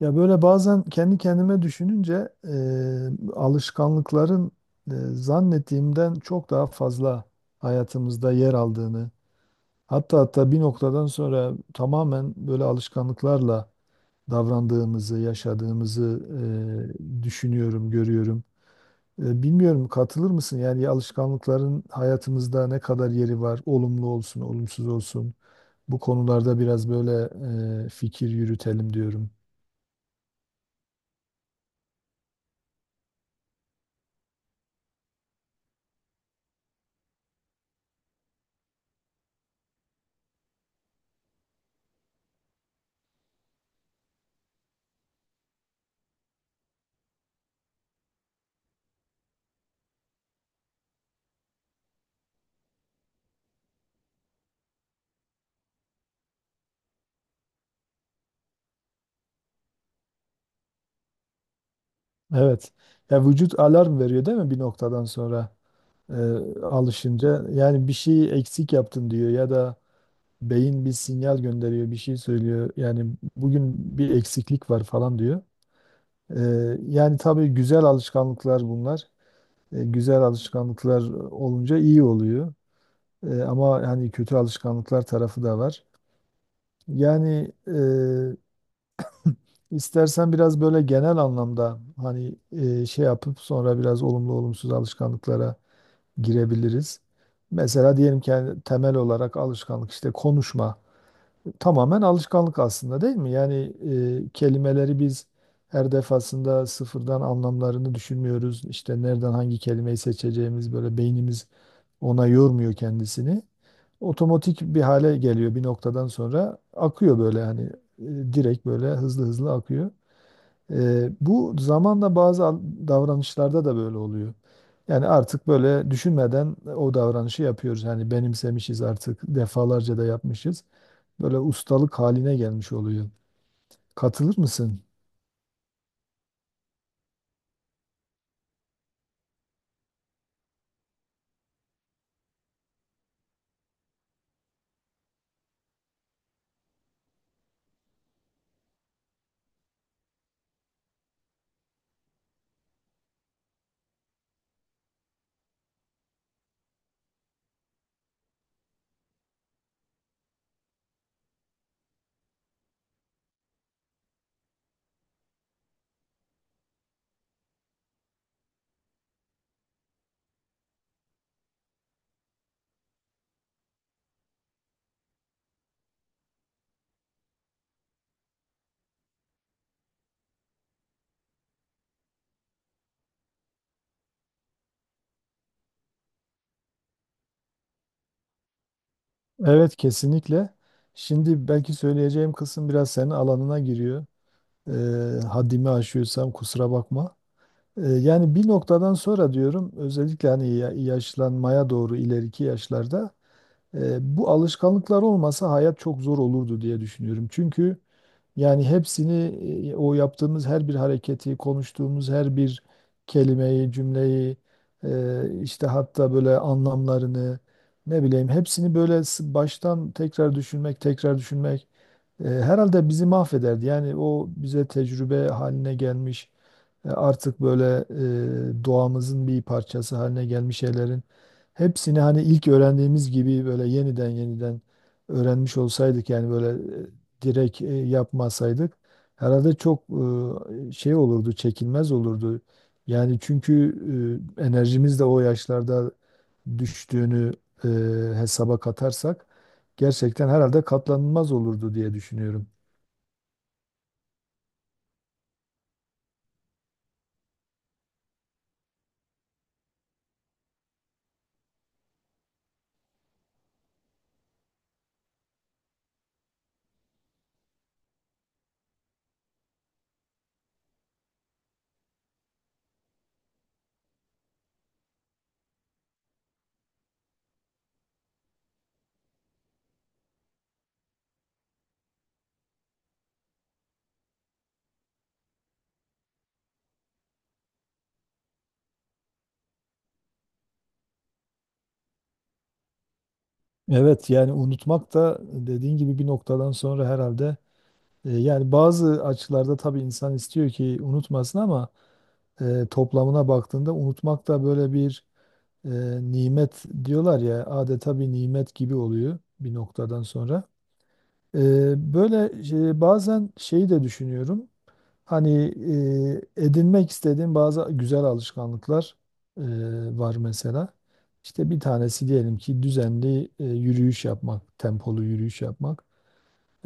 Ya böyle bazen kendi kendime düşününce alışkanlıkların zannettiğimden çok daha fazla hayatımızda yer aldığını, hatta bir noktadan sonra tamamen böyle alışkanlıklarla davrandığımızı, yaşadığımızı düşünüyorum, görüyorum. Bilmiyorum katılır mısın? Yani alışkanlıkların hayatımızda ne kadar yeri var, olumlu olsun, olumsuz olsun. Bu konularda biraz böyle fikir yürütelim diyorum. Evet. Ya vücut alarm veriyor değil mi bir noktadan sonra e, alışınca? Yani bir şeyi eksik yaptın diyor ya da beyin bir sinyal gönderiyor, bir şey söylüyor. Yani bugün bir eksiklik var falan diyor. E, Yani tabii güzel alışkanlıklar bunlar. Güzel alışkanlıklar olunca iyi oluyor. Ama hani kötü alışkanlıklar tarafı da var. Yani istersen biraz böyle genel anlamda hani şey yapıp sonra biraz olumlu olumsuz alışkanlıklara girebiliriz. Mesela diyelim ki yani temel olarak alışkanlık işte konuşma. Tamamen alışkanlık aslında değil mi? Yani kelimeleri biz her defasında sıfırdan anlamlarını düşünmüyoruz. İşte nereden hangi kelimeyi seçeceğimiz böyle beynimiz ona yormuyor kendisini. Otomatik bir hale geliyor bir noktadan sonra akıyor böyle hani direkt böyle hızlı hızlı akıyor. Bu zamanla davranışlarda da böyle oluyor. Yani artık böyle düşünmeden o davranışı yapıyoruz. Yani benimsemişiz artık defalarca da yapmışız. Böyle ustalık haline gelmiş oluyor. Katılır mısın? Evet kesinlikle. Şimdi belki söyleyeceğim kısım biraz senin alanına giriyor. Haddimi aşıyorsam kusura bakma. Yani bir noktadan sonra diyorum özellikle hani yaşlanmaya doğru ileriki yaşlarda bu alışkanlıklar olmasa hayat çok zor olurdu diye düşünüyorum. Çünkü yani hepsini o yaptığımız her bir hareketi, konuştuğumuz her bir kelimeyi, cümleyi, işte hatta böyle anlamlarını ne bileyim hepsini baştan tekrar düşünmek, tekrar düşünmek herhalde bizi mahvederdi. Yani o bize tecrübe haline gelmiş, artık böyle doğamızın bir parçası haline gelmiş şeylerin hepsini hani ilk öğrendiğimiz gibi böyle yeniden öğrenmiş olsaydık yani böyle direkt yapmasaydık herhalde çok şey olurdu, çekilmez olurdu. Yani çünkü enerjimiz de o yaşlarda düştüğünü e, hesaba katarsak gerçekten herhalde katlanılmaz olurdu diye düşünüyorum. Evet yani unutmak da dediğin gibi bir noktadan sonra herhalde yani bazı açılarda tabii insan istiyor ki unutmasın ama toplamına baktığında unutmak da böyle bir e, nimet diyorlar ya adeta bir nimet gibi oluyor bir noktadan sonra. Böyle bazen şeyi de düşünüyorum. Hani edinmek istediğim bazı güzel alışkanlıklar e, var mesela. İşte bir tanesi diyelim ki düzenli yürüyüş yapmak, tempolu yürüyüş yapmak.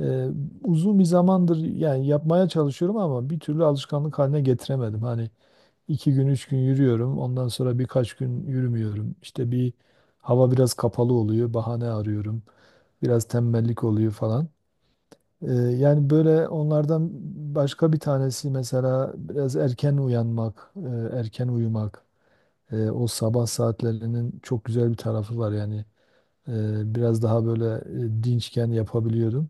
E, Uzun bir zamandır yani yapmaya çalışıyorum ama bir türlü alışkanlık haline getiremedim. Hani iki gün, üç gün yürüyorum. Ondan sonra birkaç gün yürümüyorum. İşte bir hava biraz kapalı oluyor. Bahane arıyorum. Biraz tembellik oluyor falan. Yani böyle onlardan başka bir tanesi mesela biraz erken uyanmak, erken uyumak. O sabah saatlerinin çok güzel bir tarafı var yani. Biraz daha böyle dinçken yapabiliyordum.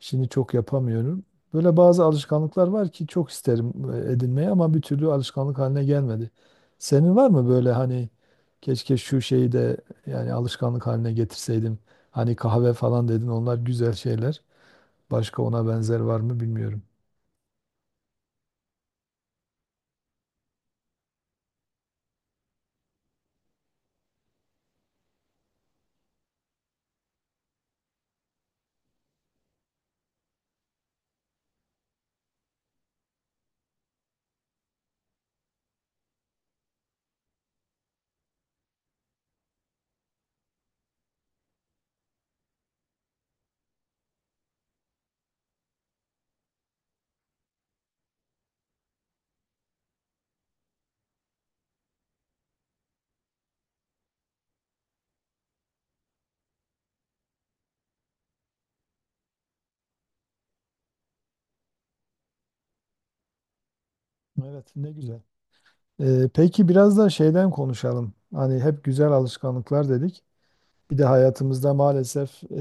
Şimdi çok yapamıyorum. Böyle bazı alışkanlıklar var ki çok isterim edinmeye ama bir türlü alışkanlık haline gelmedi. Senin var mı böyle hani keşke şu şeyi de yani alışkanlık haline getirseydim. Hani kahve falan dedin onlar güzel şeyler. Başka ona benzer var mı bilmiyorum. Evet, ne güzel. Peki biraz da şeyden konuşalım. Hani hep güzel alışkanlıklar dedik. Bir de hayatımızda maalesef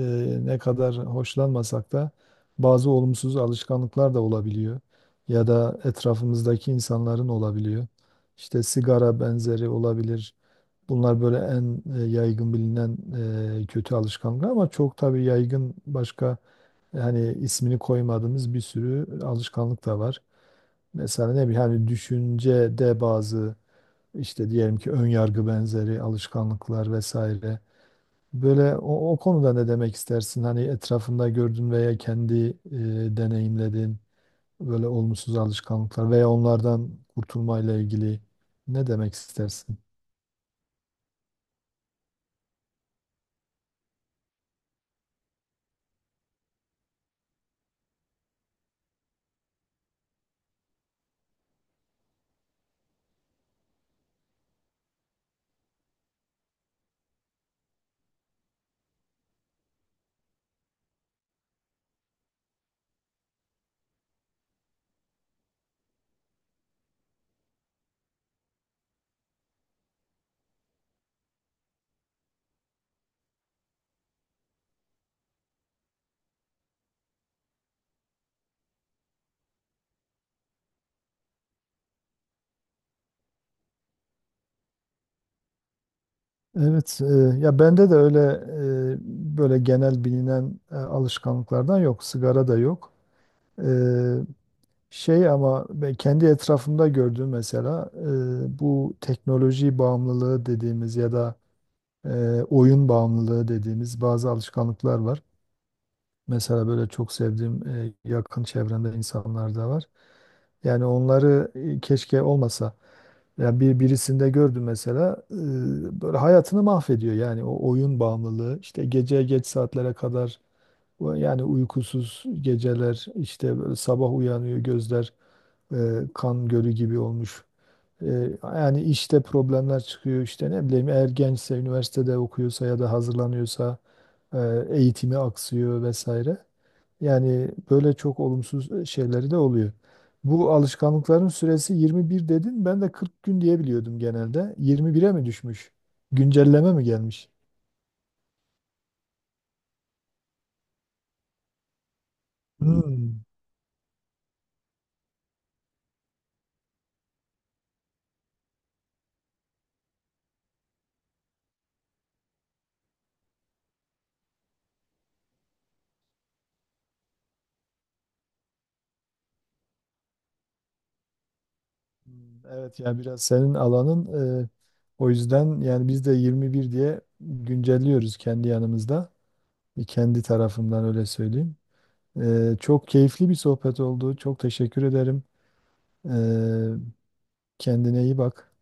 ne kadar hoşlanmasak da bazı olumsuz alışkanlıklar da olabiliyor. Ya da etrafımızdaki insanların olabiliyor. İşte sigara benzeri olabilir. Bunlar böyle en yaygın bilinen kötü alışkanlıklar ama çok tabii yaygın başka hani ismini koymadığımız bir sürü alışkanlık da var. Mesela ne bileyim hani düşüncede bazı işte diyelim ki ön yargı benzeri alışkanlıklar vesaire. Böyle o konuda ne demek istersin? Hani etrafında gördün veya kendi deneyimledin böyle olumsuz alışkanlıklar veya onlardan kurtulmayla ilgili ne demek istersin? Evet, ya bende de öyle böyle genel bilinen alışkanlıklardan yok, sigara da yok. E, Şey ama ben kendi etrafımda gördüğüm mesela bu teknoloji bağımlılığı dediğimiz ya da e, oyun bağımlılığı dediğimiz bazı alışkanlıklar var. Mesela böyle çok sevdiğim yakın çevremde insanlar da var. Yani onları keşke olmasa. Ya birisinde gördüm mesela böyle hayatını mahvediyor yani o oyun bağımlılığı işte gece geç saatlere kadar o yani uykusuz geceler işte böyle sabah uyanıyor gözler e, kan gölü gibi olmuş. E, Yani işte problemler çıkıyor işte ne bileyim eğer gençse üniversitede okuyorsa ya da hazırlanıyorsa e, eğitimi aksıyor vesaire. Yani böyle çok olumsuz şeyleri de oluyor. Bu alışkanlıkların süresi 21 dedin. Ben de 40 gün diye biliyordum genelde. 21'e mi düşmüş? Güncelleme mi gelmiş? Hmm. Hmm, evet ya biraz senin alanın. e, O yüzden yani biz de 21 diye güncelliyoruz kendi yanımızda. E, kendi tarafımdan öyle söyleyeyim. Çok keyifli bir sohbet oldu. Çok teşekkür ederim. E, Kendine iyi bak.